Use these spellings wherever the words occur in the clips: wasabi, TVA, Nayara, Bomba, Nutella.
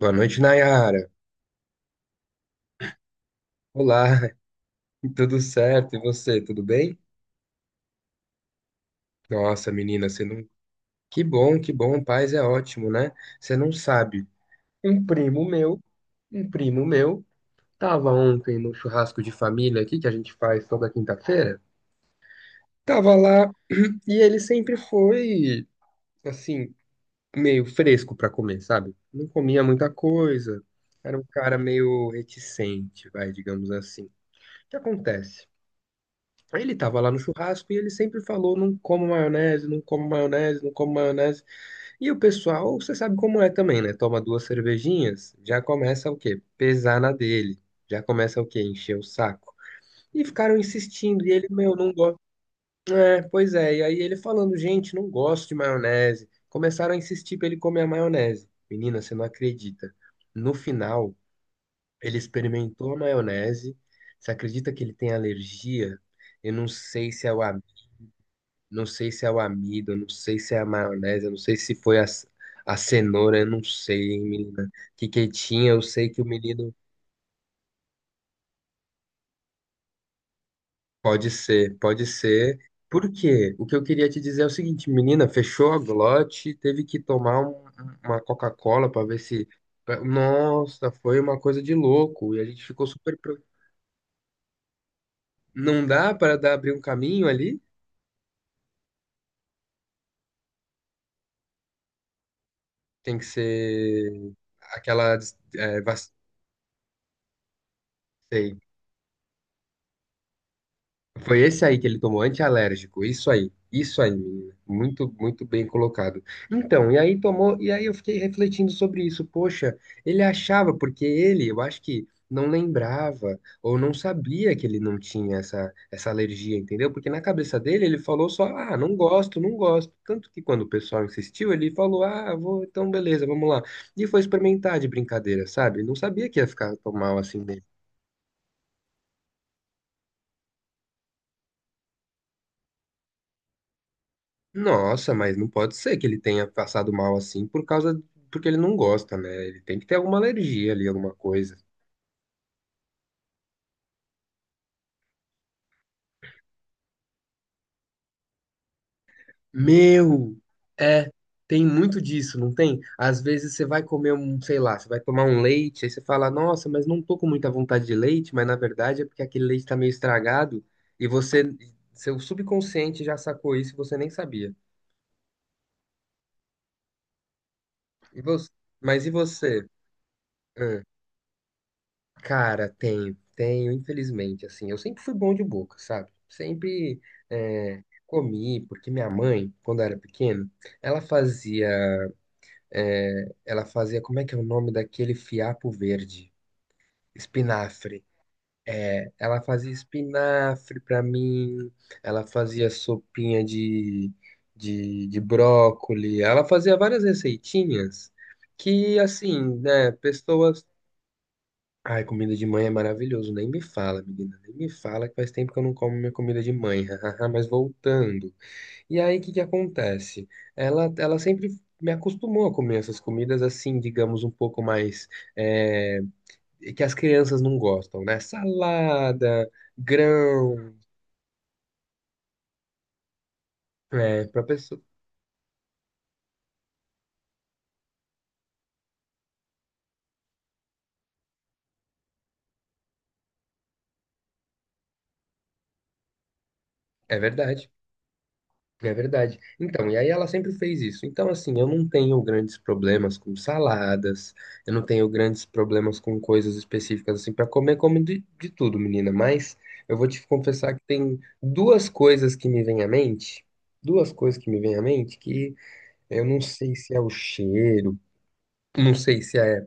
Boa noite, Nayara. Olá, tudo certo? E você, tudo bem? Nossa, menina, você não. Que bom, paz é ótimo, né? Você não sabe. Um primo meu, um primo meu, tava ontem no churrasco de família aqui que a gente faz toda quinta-feira. Tava lá e ele sempre foi, assim, meio fresco pra comer, sabe? Não comia muita coisa. Era um cara meio reticente, vai, digamos assim. O que acontece? Aí ele tava lá no churrasco e ele sempre falou, não como maionese, não como maionese, não como maionese. E o pessoal, você sabe como é também, né? Toma duas cervejinhas, já começa o quê? Pesar na dele. Já começa o quê? Encher o saco. E ficaram insistindo, e ele, meu, não gosta. É, pois é, e aí ele falando, gente, não gosto de maionese. Começaram a insistir pra ele comer a maionese. Menina, você não acredita. No final, ele experimentou a maionese. Você acredita que ele tem alergia? Eu não sei se é o não sei se é o amido, não sei se é a maionese, não sei se foi a cenoura, eu não sei, hein, menina. Que tinha, eu sei que o menino pode ser, pode ser. Por quê? O que eu queria te dizer é o seguinte, menina, fechou a glote, teve que tomar uma Coca-Cola para ver se. Nossa, foi uma coisa de louco. E a gente ficou super. Não dá para dar abrir um caminho ali? Tem que ser aquela. É, sei. Foi esse aí que ele tomou antialérgico, isso aí, menina. Muito, muito bem colocado. Então, e aí tomou, e aí eu fiquei refletindo sobre isso. Poxa, ele achava, porque ele, eu acho que não lembrava ou não sabia que ele não tinha essa alergia, entendeu? Porque na cabeça dele ele falou só, ah, não gosto, não gosto. Tanto que quando o pessoal insistiu, ele falou, ah, vou, então beleza, vamos lá. E foi experimentar de brincadeira, sabe? Não sabia que ia ficar tão mal assim. Nossa, mas não pode ser que ele tenha passado mal assim por causa, porque ele não gosta, né? Ele tem que ter alguma alergia ali, alguma coisa. Meu, é, tem muito disso, não tem? Às vezes você vai comer um, sei lá, você vai tomar um leite, aí você fala, nossa, mas não tô com muita vontade de leite, mas na verdade é porque aquele leite tá meio estragado e você, seu subconsciente já sacou isso e você nem sabia. E você, mas e você? Cara, tenho, tenho, infelizmente, assim, eu sempre fui bom de boca, sabe? Sempre é, comi, porque minha mãe, quando eu era pequeno, ela fazia, ela fazia, como é que é o nome daquele fiapo verde? Espinafre. É, ela fazia espinafre pra mim, ela fazia sopinha de brócoli, ela fazia várias receitinhas que, assim, né, pessoas. Ai, comida de mãe é maravilhoso. Nem me fala, menina. Nem me fala que faz tempo que eu não como minha comida de mãe. hahaha, mas voltando. E aí, o que que acontece? Ela sempre me acostumou a comer essas comidas assim, digamos, um pouco mais. é, que as crianças não gostam, né? Salada, grão. É, pra pessoa. É verdade. É verdade. Então, e aí ela sempre fez isso. Então, assim, eu não tenho grandes problemas com saladas, eu não tenho grandes problemas com coisas específicas, assim, pra comer, como de tudo, menina. Mas eu vou te confessar que tem duas coisas que me vêm à mente, duas coisas que me vêm à mente que eu não sei se é o cheiro, não sei se é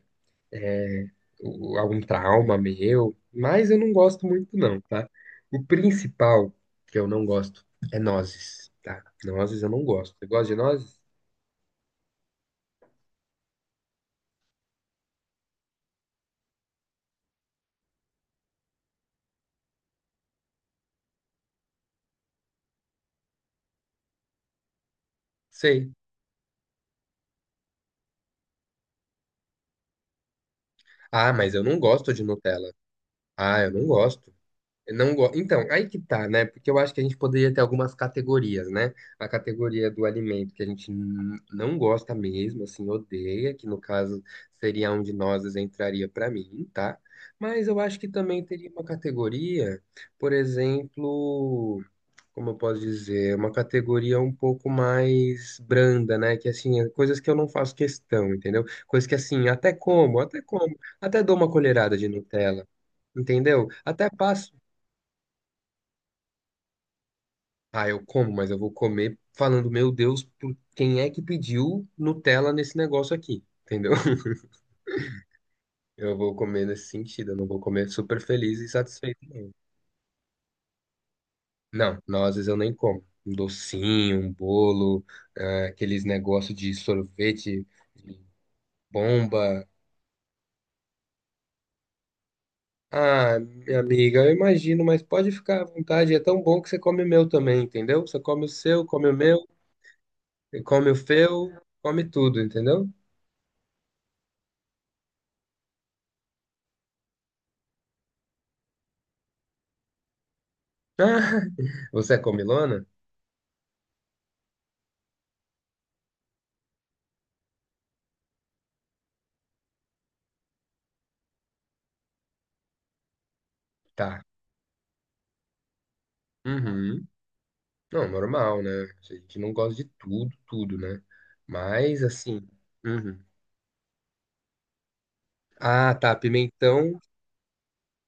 algum trauma meu, mas eu não gosto muito, não, tá? O principal que eu não gosto é nozes, tá? Nozes eu não gosto. Você gosta de nozes? Sei. Ah, mas eu não gosto de Nutella. Ah, eu não gosto. Eu não go... Então, aí que tá, né? Porque eu acho que a gente poderia ter algumas categorias, né? A categoria do alimento que a gente não gosta mesmo, assim, odeia, que no caso seria onde nós entraria pra mim, tá? Mas eu acho que também teria uma categoria, por exemplo, como eu posso dizer, é uma categoria um pouco mais branda, né? Que assim, é coisas que eu não faço questão, entendeu? Coisas que assim, até dou uma colherada de Nutella, entendeu? Até passo. Ah, eu como, mas eu vou comer falando, meu Deus, por quem é que pediu Nutella nesse negócio aqui? Entendeu? Eu vou comer nesse sentido, eu não vou comer super feliz e satisfeito, não. Não, nozes eu nem como. Um docinho, um bolo, ah, aqueles negócios de sorvete. Bomba. Ah, minha amiga, eu imagino, mas pode ficar à vontade. É tão bom que você come o meu também, entendeu? Você come o seu, come o meu, come o seu, come tudo, entendeu? Ah, você é comilona? Tá. Uhum. Não, normal, né? A gente não gosta de tudo, tudo, né? Mas, assim. Uhum. Ah, tá. Pimentão,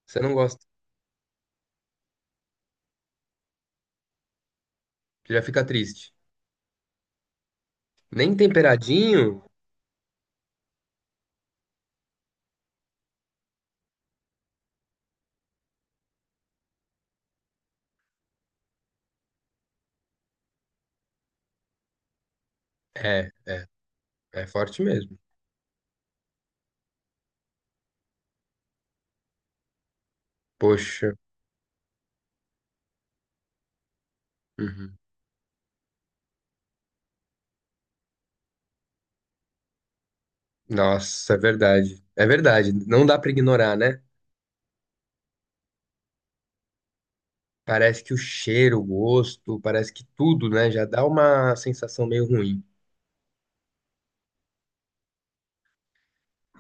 você não gosta. Você já fica triste. Nem temperadinho? É, é forte mesmo. Poxa. Uhum. Nossa, é verdade. É verdade. Não dá pra ignorar, né? Parece que o cheiro, o gosto, parece que tudo, né? Já dá uma sensação meio ruim.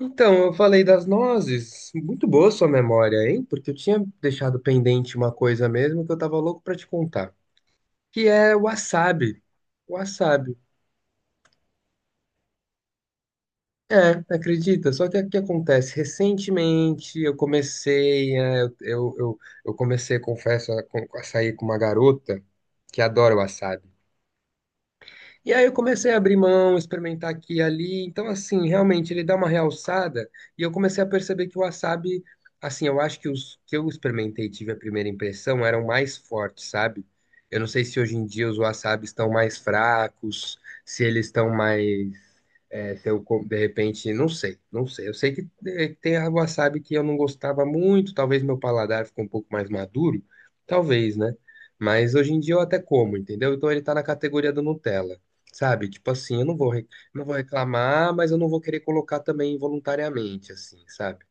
Então, eu falei das nozes. Muito boa sua memória, hein? Porque eu tinha deixado pendente uma coisa mesmo que eu tava louco pra te contar, que é o wasabi. Wasabi. É, acredita? Só que o que acontece? Recentemente eu comecei, é, eu comecei, confesso, a sair com uma garota que adora wasabi. E aí eu comecei a abrir mão, experimentar aqui e ali. Então, assim, realmente ele dá uma realçada e eu comecei a perceber que o wasabi, assim, eu acho que os que eu experimentei e tive a primeira impressão eram mais fortes, sabe? Eu não sei se hoje em dia os wasabis estão mais fracos, se eles estão mais, se eu, co- de repente, não sei, não sei. Eu sei que tem a wasabi que eu não gostava muito, talvez meu paladar ficou um pouco mais maduro, talvez, né? Mas hoje em dia eu até como, entendeu? Então ele tá na categoria do Nutella. Sabe? Tipo assim, eu não vou, re- não vou reclamar, mas eu não vou querer colocar também voluntariamente, assim, sabe?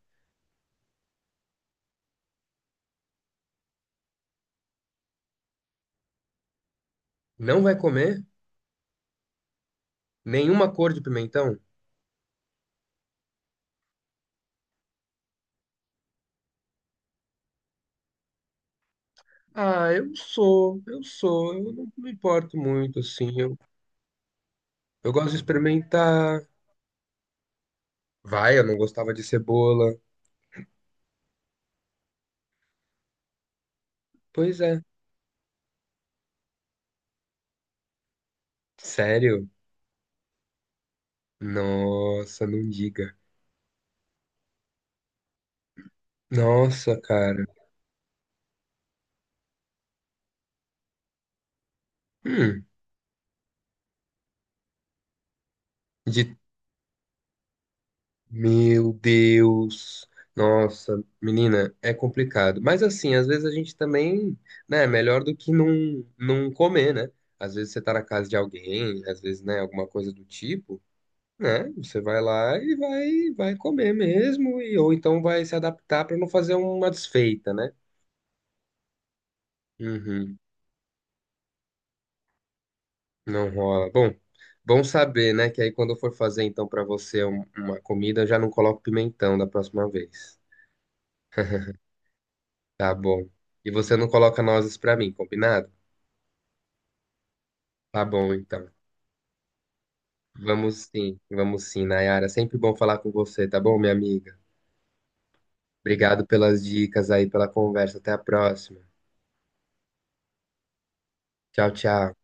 Não vai comer nenhuma cor de pimentão? Ah, eu sou, eu não me importo muito, assim, eu gosto de experimentar. Vai, eu não gostava de cebola. Pois é, sério? Nossa, não diga. Nossa, cara. Hum, de meu Deus. Nossa, menina, é complicado. Mas assim, às vezes a gente também, né, é melhor do que não comer, né? Às vezes você tá na casa de alguém, às vezes, né, alguma coisa do tipo, né? Você vai lá e vai comer mesmo e ou então vai se adaptar pra não fazer uma desfeita, né? Uhum, não rola. Bom, bom saber, né, que aí quando eu for fazer então pra você uma comida, eu já não coloco pimentão da próxima vez. Tá bom. E você não coloca nozes pra mim, combinado? Tá bom, então. Vamos sim, Nayara. Sempre bom falar com você, tá bom, minha amiga? Obrigado pelas dicas aí, pela conversa. Até a próxima. Tchau, tchau.